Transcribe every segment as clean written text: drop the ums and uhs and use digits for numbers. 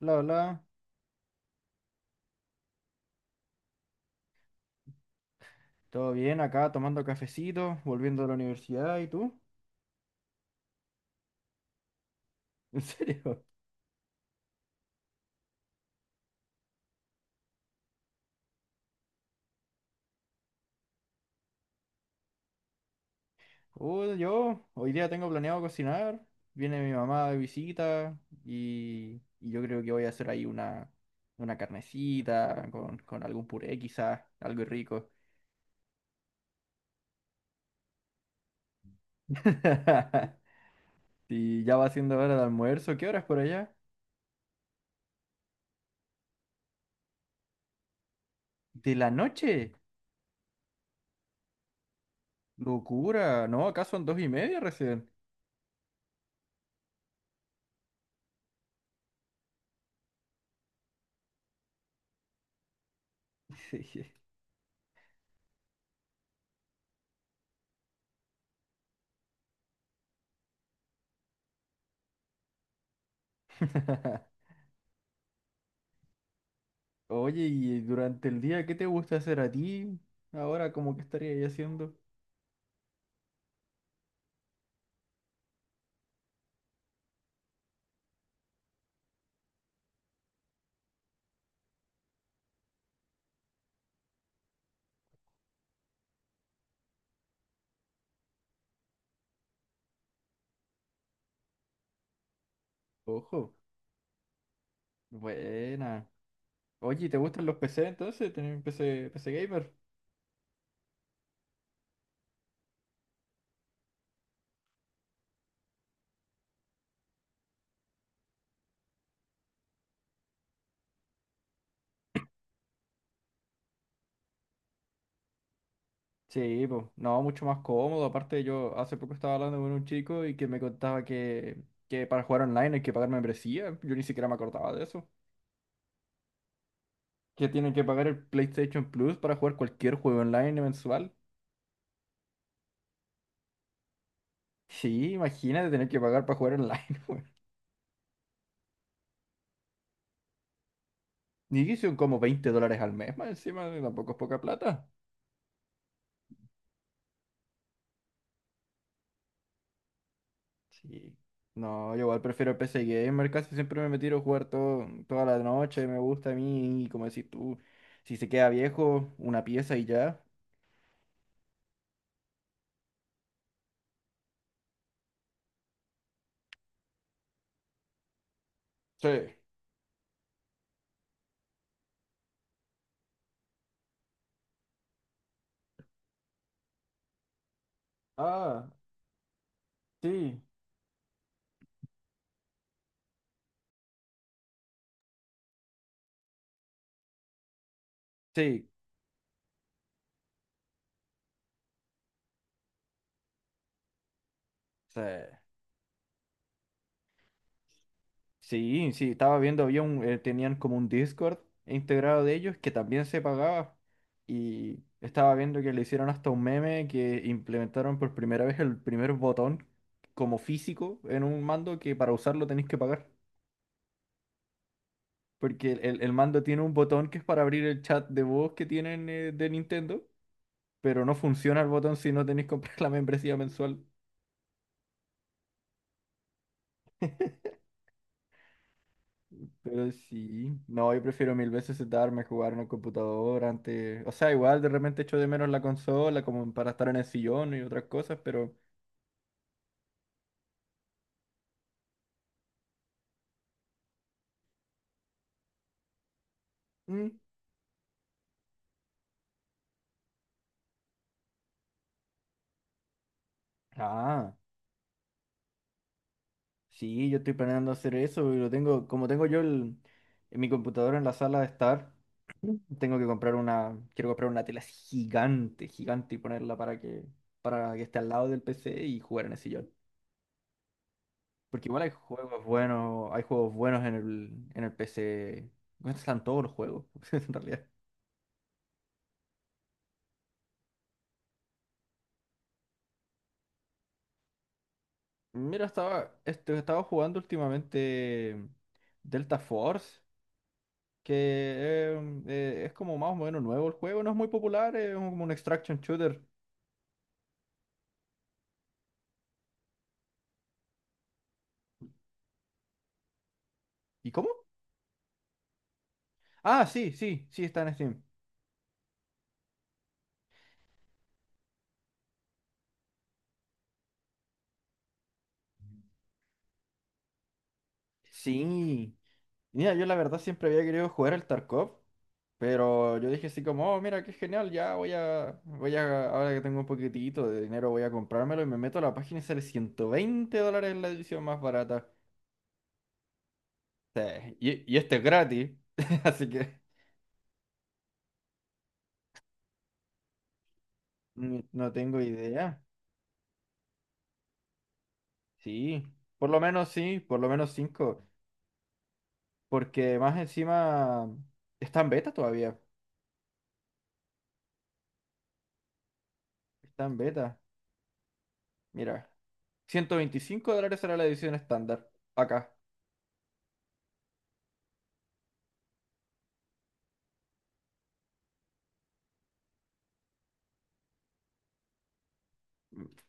Bla, bla. Todo bien acá, tomando cafecito, volviendo de la universidad. ¿Y tú? ¿En serio? Yo hoy día tengo planeado cocinar. Viene mi mamá de visita y yo creo que voy a hacer ahí una carnecita con algún puré quizás, algo rico. Y ya va siendo hora de almuerzo. ¿Qué horas por allá? ¿De la noche? Locura. No, acá son dos y media recién. Sí. Oye, y durante el día, ¿qué te gusta hacer a ti? Ahora, ¿cómo que estarías haciendo? Ojo, buena. Oye, ¿te gustan los PC entonces? ¿Tenés PC gamer? Sí, pues, no, mucho más cómodo. Aparte, yo hace poco estaba hablando con un chico y que me contaba que para jugar online hay que pagar membresía. Yo ni siquiera me acordaba de eso. Que tienen que pagar el PlayStation Plus para jugar cualquier juego online mensual. Sí, imagínate tener que pagar para jugar online, güey. Y son como $20 al mes, más encima, tampoco es poca plata. Sí. No, yo igual prefiero el PC Gamer, casi siempre me tiro a jugar todo, toda la noche, me gusta a mí, y como decís tú, si se queda viejo, una pieza y ya. Sí. Ah, sí. Sí, sí, sí, estaba viendo, tenían como un Discord integrado de ellos que también se pagaba y estaba viendo que le hicieron hasta un meme que implementaron por primera vez el primer botón como físico en un mando que para usarlo tenéis que pagar. Porque el mando tiene un botón que es para abrir el chat de voz que tienen de Nintendo, pero no funciona el botón si no tenéis que comprar la membresía mensual. Pero sí, no, yo prefiero mil veces sentarme a jugar en el computador antes. O sea, igual de repente echo de menos la consola como para estar en el sillón y otras cosas, pero... mm, ah. Sí, yo estoy planeando hacer eso y lo tengo, como tengo yo en mi computadora en la sala de estar, tengo que comprar una, quiero comprar una tela así gigante, gigante y ponerla para para que esté al lado del PC y jugar en el sillón. Porque igual hay juegos buenos en el PC. Bueno, están todos los juegos, en realidad. Mira, estaba jugando últimamente Delta Force, que es como más o menos nuevo el juego, no es muy popular, como un extraction shooter. ¿Y cómo? Ah, sí, está en Steam. Sí. Mira, yo la verdad siempre había querido jugar al Tarkov, pero yo dije así como, oh, mira, qué genial, ya ahora que tengo un poquitito de dinero, voy a comprármelo y me meto a la página y sale $120 la edición más barata. Sí, y este es gratis, así que no tengo idea. Sí, por lo menos sí, por lo menos 5, porque más encima está en beta todavía, está en beta, mira. $125 será la edición estándar. Acá.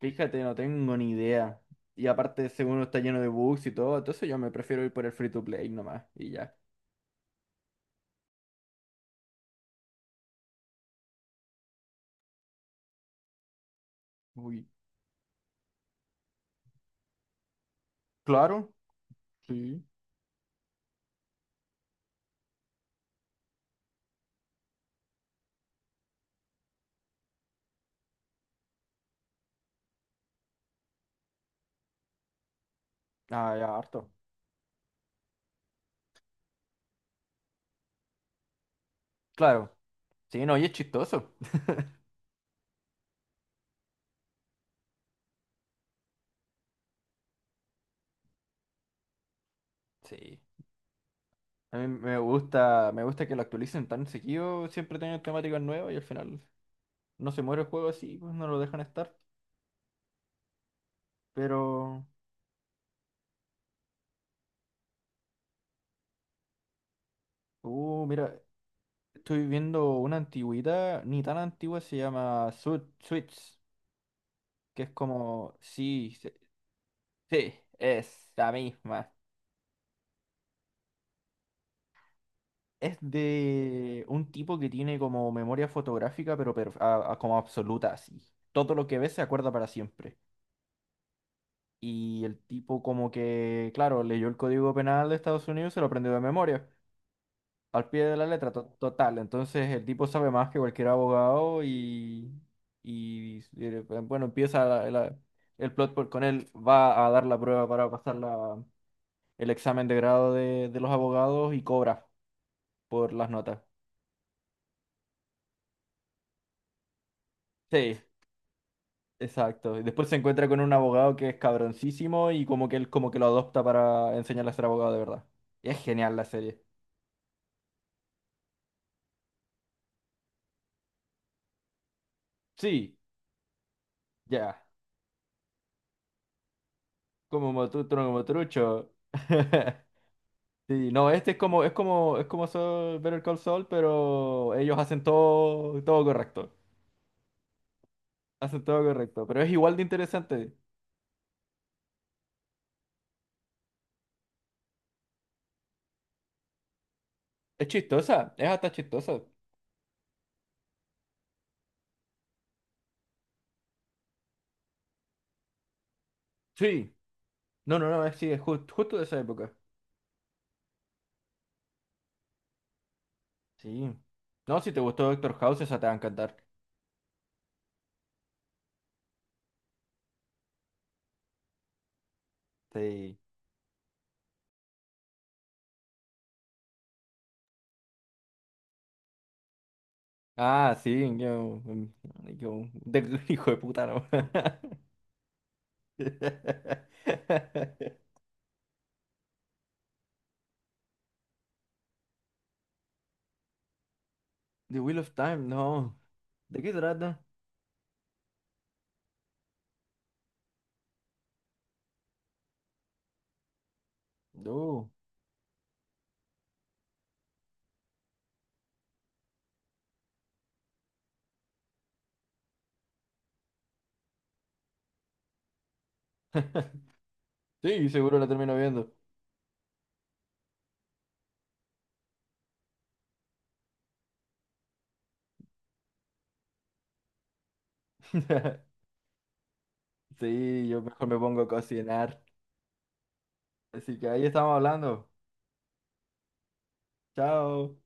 Fíjate, no tengo ni idea. Y aparte, según está lleno de bugs y todo, entonces yo me prefiero ir por el free to play nomás. Y ya. Uy. Claro, sí. Ah, ya, harto. Claro. Sí, no, y es chistoso. Sí. A mí me gusta que lo actualicen tan seguido. Siempre tienen temáticas nuevas y al final no se muere el juego así, pues no lo dejan estar. Pero, mira, estoy viendo una antigüedad, ni tan antigua, se llama Switch que es como, sí, es la misma. Es de un tipo que tiene como memoria fotográfica, pero como absoluta, así. Todo lo que ve se acuerda para siempre. Y el tipo como que, claro, leyó el Código Penal de Estados Unidos y se lo aprendió de memoria, al pie de la letra, total. Entonces el tipo sabe más que cualquier abogado y, bueno, empieza el plot con él, va a dar la prueba para pasarla el examen de grado de los abogados y cobra por las notas. Sí, exacto. Y después se encuentra con un abogado que es cabroncísimo y como que él como que lo adopta para enseñarle a ser abogado de verdad. Y es genial la serie. Sí, ya. Como motutro, como trucho. Sí, no, este es como, es como, es como Better Call Saul, pero ellos hacen todo, todo correcto. Hacen todo correcto. Pero es igual de interesante. Es chistosa, es hasta chistosa. Sí. No, sí, es justo de esa época. Sí. No, si te gustó Doctor House, esa te va a encantar. Sí. Ah, sí, hijo de puta, no. The Wheel of Time, no. ¿De qué trata? No. Sí, seguro la termino viendo. Sí, yo mejor me pongo a cocinar. Así que ahí estamos hablando. Chao.